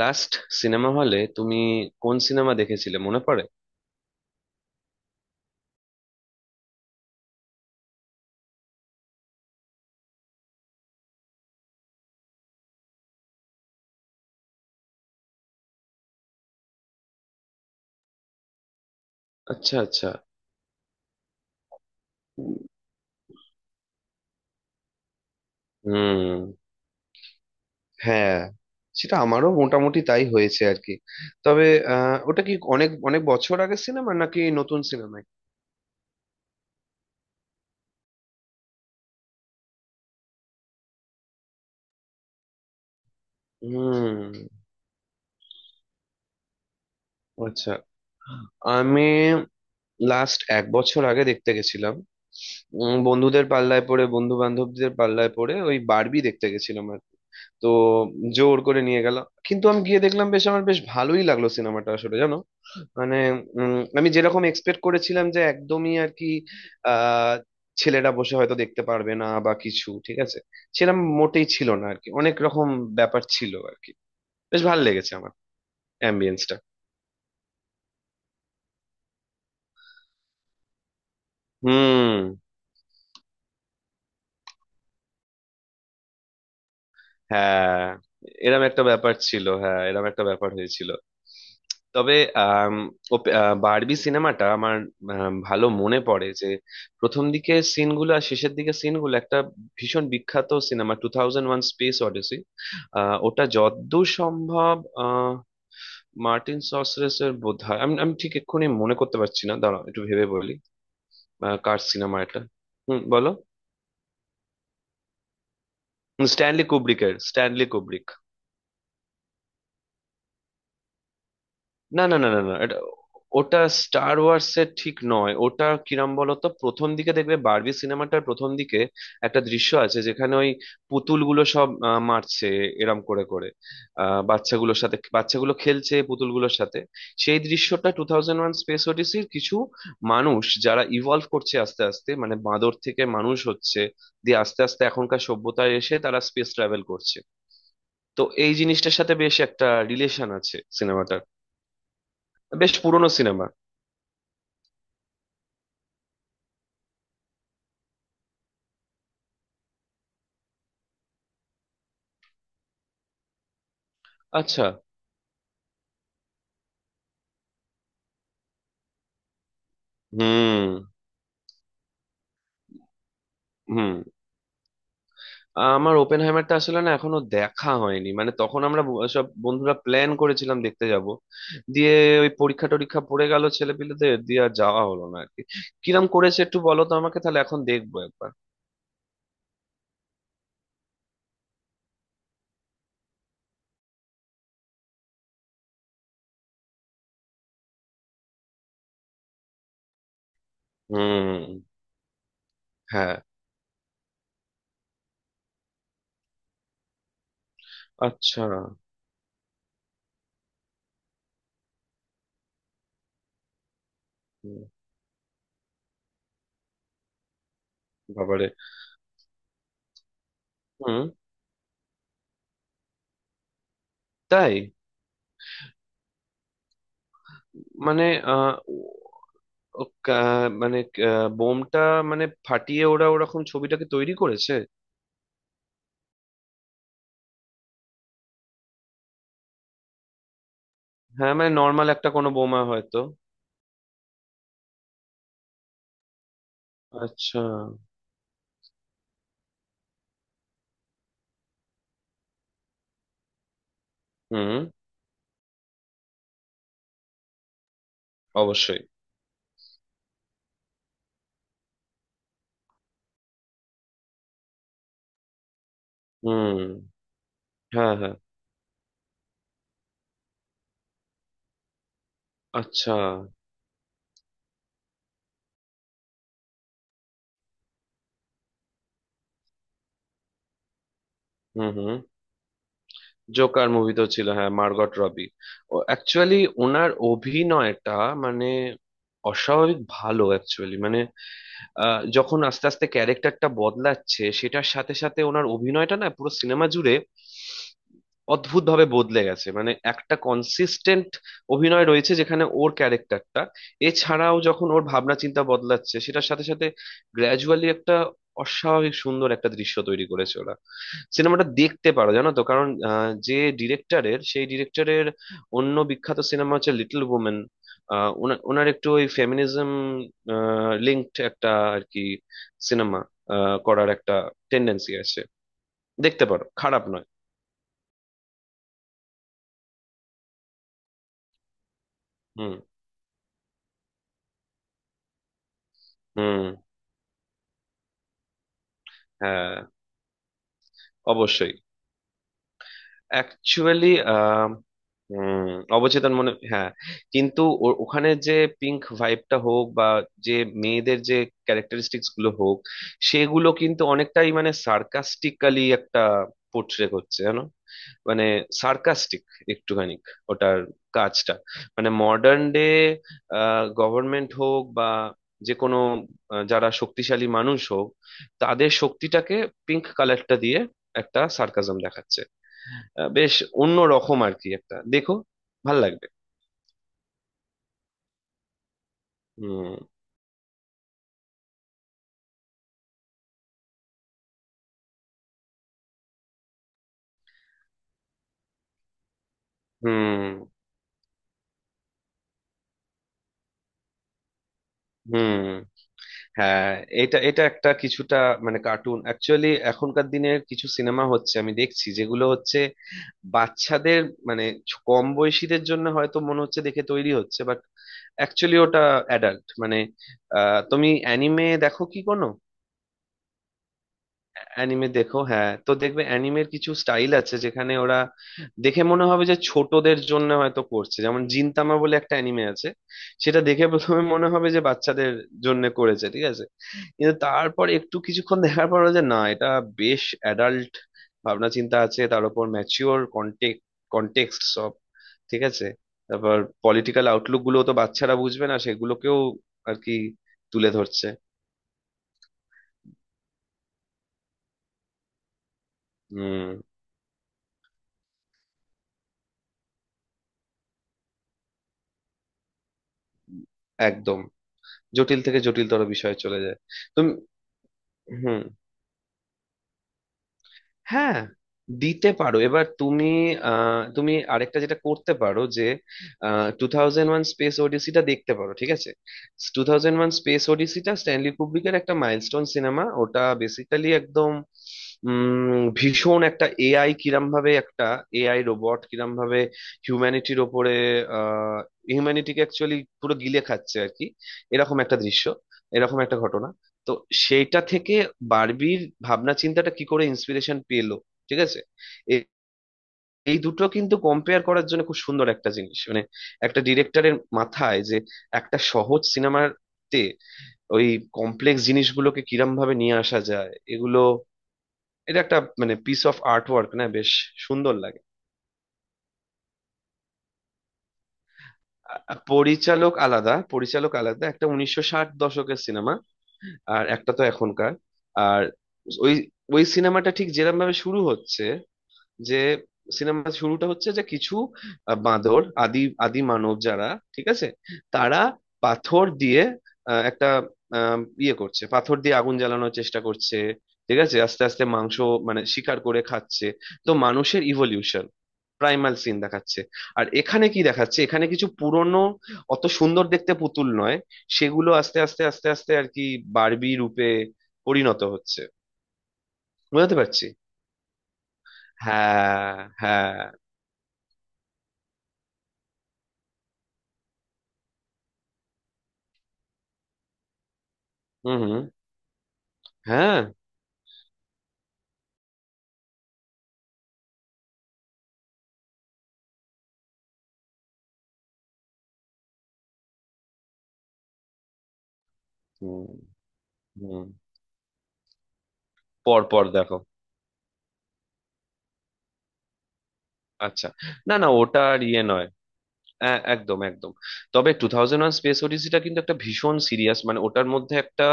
Last cinema হলে তুমি কোন সিনেমা দেখেছিলে মনে পড়ে? আচ্ছা আচ্ছা। হুম। হ্যাঁ, সেটা আমারও মোটামুটি তাই হয়েছে আর কি। তবে ওটা কি অনেক অনেক বছর আগের সিনেমা নাকি নতুন সিনেমায়? হুম। আচ্ছা, আমি লাস্ট 1 বছর আগে দেখতে গেছিলাম। বন্ধুদের পাল্লায় পড়ে বন্ধু বান্ধবদের পাল্লায় পড়ে ওই বারবি দেখতে গেছিলাম আর কি। তো জোর করে নিয়ে গেল, কিন্তু আমি গিয়ে দেখলাম আমার বেশ ভালোই লাগলো সিনেমাটা আসলে, জানো। মানে আমি যেরকম এক্সপেক্ট করেছিলাম যে একদমই আর কি, আহ ছেলেরা বসে হয়তো দেখতে পারবে না বা কিছু, ঠিক আছে, সেরকম মোটেই ছিল না আর কি। অনেক রকম ব্যাপার ছিল আর কি। বেশ ভালো লেগেছে আমার অ্যাম্বিয়েন্সটা। হুম। হ্যাঁ, এরম একটা ব্যাপার ছিল, হ্যাঁ, এরম একটা ব্যাপার হয়েছিল। তবে আম, বারবি সিনেমাটা আমার, ভালো মনে পড়ে যে প্রথম দিকে সিনগুলো আর শেষের দিকে সিনগুলো, একটা ভীষণ বিখ্যাত সিনেমা 2001 স্পেস অডিসি, ওটা যতদূর সম্ভব আহ, মার্টিন সসরেসের বোধহয়, আমি আমি ঠিক এক্ষুনি মনে করতে পারছি না, দাঁড়াও একটু ভেবে বলি। কার সিনেমা এটা? হুম, বলো। Stanley কুব্রিকের, Stanley Kubrick. না না না না না, এটা, ওটা স্টার ওয়ার্স এর ঠিক নয়। ওটা কিরম বলতো, প্রথম দিকে দেখবে বারবি সিনেমাটার প্রথম দিকে একটা দৃশ্য আছে যেখানে ওই পুতুলগুলো সব মারছে, এরম করে করে, বাচ্চাগুলোর সাথে, বাচ্চাগুলো খেলছে পুতুলগুলোর সাথে। সেই দৃশ্যটা 2001 স্পেস ওডিসির, কিছু মানুষ যারা ইভলভ করছে আস্তে আস্তে, মানে বাঁদর থেকে মানুষ হচ্ছে, দিয়ে আস্তে আস্তে এখনকার সভ্যতায় এসে তারা স্পেস ট্রাভেল করছে। তো এই জিনিসটার সাথে বেশ একটা রিলেশন আছে সিনেমাটার। বেশ পুরনো সিনেমা। আচ্ছা। হুম হুম। আমার ওপেনহাইমারটা আসলে না এখনো দেখা হয়নি। মানে তখন আমরা সব বন্ধুরা প্ল্যান করেছিলাম দেখতে যাব, দিয়ে ওই পরীক্ষা টরীক্ষা পড়ে গেল ছেলেপিলেদের, দিয়ে আর যাওয়া হলো না আর কি। কিরম করেছে একটু বলো তো আমাকে, তাহলে এখন দেখবো একবার। হুম। হ্যাঁ। আচ্ছা। হুম। বাবারে। হুম। তাই? মানে আহ ও- ও কা- মানে বোমটা মানে ফাটিয়ে ওরা ওরকম ছবিটাকে তৈরি করেছে? হ্যাঁ মানে নর্মাল একটা কোনো বোমা হয়তো। আচ্ছা। হুম। অবশ্যই। হুম। হ্যাঁ হ্যাঁ। আচ্ছা। হুম হুম। জোকার মুভিতেও ছিল, হ্যাঁ, মার্গট রবি। ও অ্যাকচুয়ালি ওনার অভিনয়টা মানে অস্বাভাবিক ভালো অ্যাকচুয়ালি। মানে যখন আস্তে আস্তে ক্যারেক্টারটা বদলাচ্ছে, সেটার সাথে সাথে ওনার অভিনয়টা না পুরো সিনেমা জুড়ে অদ্ভুতভাবে বদলে গেছে। মানে একটা কনসিস্টেন্ট অভিনয় রয়েছে, যেখানে ওর ক্যারেক্টারটা, এছাড়াও যখন ওর ভাবনা চিন্তা বদলাচ্ছে সেটার সাথে সাথে গ্র্যাজুয়ালি একটা অস্বাভাবিক সুন্দর একটা দৃশ্য তৈরি করেছে ওরা। সিনেমাটা দেখতে পারো, জানো তো, কারণ যে ডিরেক্টরের, সেই ডিরেক্টরের অন্য বিখ্যাত সিনেমা হচ্ছে লিটল ওমেন। ওনার একটু ওই ফেমিনিজম লিঙ্কড একটা আর কি সিনেমা করার একটা টেন্ডেন্সি আছে। দেখতে পারো, খারাপ নয়। হুম হুম। হ্যাঁ, অবশ্যই। অ্যাকচুয়ালি। হুম, অবচেতন মনে, হ্যাঁ। কিন্তু ওখানে যে পিঙ্ক ভাইবটা হোক, বা যে মেয়েদের যে ক্যারেক্টারিস্টিক্স গুলো হোক, সেগুলো কিন্তু অনেকটাই মানে সার্কাস্টিক্যালি একটা পোর্ট্রে করছে, জানো। মানে সার্কাস্টিক একটুখানি। ওটার কাজটা মানে মডার্ন ডে গভর্নমেন্ট হোক বা যে কোনো যারা শক্তিশালী মানুষ হোক, তাদের শক্তিটাকে পিঙ্ক কালারটা দিয়ে একটা সার্কাজম দেখাচ্ছে। বেশ অন্য রকম আর কি, একটা দেখো, ভাল লাগবে। হুম হুম হুম। হ্যাঁ, এটা এটা একটা কিছুটা মানে কার্টুন। অ্যাকচুয়ালি এখনকার দিনের কিছু সিনেমা হচ্ছে আমি দেখছি যেগুলো হচ্ছে বাচ্চাদের মানে কম বয়সীদের জন্য হয়তো মনে হচ্ছে দেখে তৈরি হচ্ছে, বাট অ্যাকচুয়ালি ওটা অ্যাডাল্ট মানে, আহ তুমি অ্যানিমে দেখো কি কোনো? অ্যানিমে দেখো, হ্যাঁ, তো দেখবে অ্যানিমের কিছু স্টাইল আছে যেখানে ওরা দেখে মনে হবে যে ছোটদের জন্য হয়তো করছে, যেমন জিনতামা বলে একটা অ্যানিমে আছে, সেটা দেখে প্রথমে মনে হবে যে বাচ্চাদের জন্য করেছে, ঠিক আছে, কিন্তু তারপর একটু কিছুক্ষণ দেখার পর যে না, এটা বেশ অ্যাডাল্ট ভাবনা চিন্তা আছে, তার উপর ম্যাচিওর কন্টেক্ট কনটেক্সট সব, ঠিক আছে, তারপর পলিটিক্যাল আউটলুক গুলো তো বাচ্চারা বুঝবে না, সেগুলোকেও আর কি তুলে ধরছে। হুম। একদম, জটিল থেকে জটিলতর বিষয়ে চলে যায়। তুমি। হুম। হ্যাঁ, দিতে পারো, এবার তুমি। তুমি আরেকটা যেটা করতে পারো যে 2001 স্পেস ওডিসিটা দেখতে পারো, ঠিক আছে? 2001 স্পেস ওডিসিটা স্ট্যানলি কুব্রিকের একটা মাইলস্টোন সিনেমা। ওটা বেসিক্যালি একদম ভীষণ একটা এআই কিরম ভাবে একটা এআই রোবট কিরম ভাবে হিউম্যানিটির ওপরে আহ হিউম্যানিটিকে অ্যাকচুয়ালি পুরো গিলে খাচ্ছে আর কি, এরকম একটা দৃশ্য, এরকম একটা ঘটনা। তো সেইটা থেকে বার্বির ভাবনা চিন্তাটা কি করে ইন্সপিরেশন পেলো, ঠিক আছে। এ- এই দুটো কিন্তু কম্পেয়ার করার জন্য খুব সুন্দর একটা জিনিস। মানে একটা ডিরেক্টরের মাথায় যে একটা সহজ সিনেমাতে ওই কমপ্লেক্স জিনিসগুলোকে কিরম ভাবে নিয়ে আসা যায়, এগুলো, এটা একটা মানে পিস অফ আর্ট ওয়ার্ক না, বেশ সুন্দর লাগে। পরিচালক আলাদা, পরিচালক আলাদা, একটা 1960 দশকের সিনেমা, আর একটা তো এখনকার। আর ওই, ওই সিনেমাটা ঠিক যেরকম ভাবে শুরু হচ্ছে, যে সিনেমা শুরুটা হচ্ছে যে কিছু বাঁদর, আদি আদি মানব যারা, ঠিক আছে, তারা পাথর দিয়ে আহ, একটা আহ, ইয়ে করছে, পাথর দিয়ে আগুন জ্বালানোর চেষ্টা করছে, ঠিক আছে, আস্তে আস্তে মাংস মানে শিকার করে খাচ্ছে, তো মানুষের ইভলিউশন, প্রাইমাল সিন দেখাচ্ছে। আর এখানে কি দেখাচ্ছে, এখানে কিছু পুরনো অত সুন্দর দেখতে পুতুল নয়, সেগুলো আস্তে আস্তে আস্তে আস্তে আর কি বারবি রূপে পরিণত হচ্ছে। বুঝতে পারছি। হ্যাঁ। হ্যাঁ। হুম হুম। হ্যাঁ। হুম হুম, পর পর দেখো। আচ্ছা, না না ওটা আর ইয়ে নয়। হ্যাঁ, একদম একদম। তবে 2001 স্পেস ওডিসিটা কিন্তু একটা ভীষণ সিরিয়াস, মানে ওটার মধ্যে একটা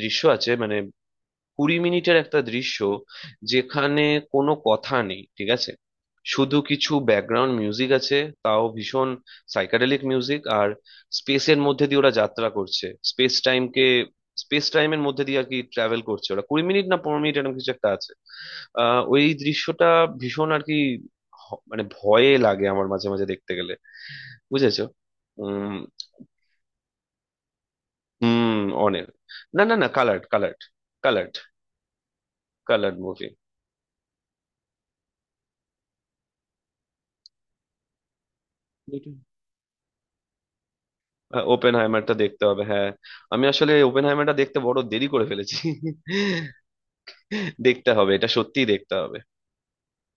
দৃশ্য আছে মানে, 20 মিনিটের একটা দৃশ্য যেখানে কোনো কথা নেই, ঠিক আছে, শুধু কিছু ব্যাকগ্রাউন্ড মিউজিক আছে, তাও ভীষণ সাইকাডেলিক মিউজিক, আর স্পেসের মধ্যে দিয়ে ওরা যাত্রা করছে, স্পেস টাইমকে, স্পেস টাইমের মধ্যে দিয়ে আর কি ট্রাভেল করছে ওরা, 20 মিনিট না 15 মিনিট এরকম কিছু একটা আছে। আহ ওই দৃশ্যটা ভীষণ আর কি মানে ভয়ে লাগে আমার মাঝে মাঝে দেখতে গেলে, বুঝেছো। উম হুম অনেক, না না না, coloured coloured, coloured. Coloured movie. ওপেনহাইমারটা দেখতে হবে, হ্যাঁ। আমি আসলে ওপেনহাইমারটা দেখতে বড় দেরি করে ফেলেছি। দেখতে হবে, এটা সত্যিই দেখতে হবে।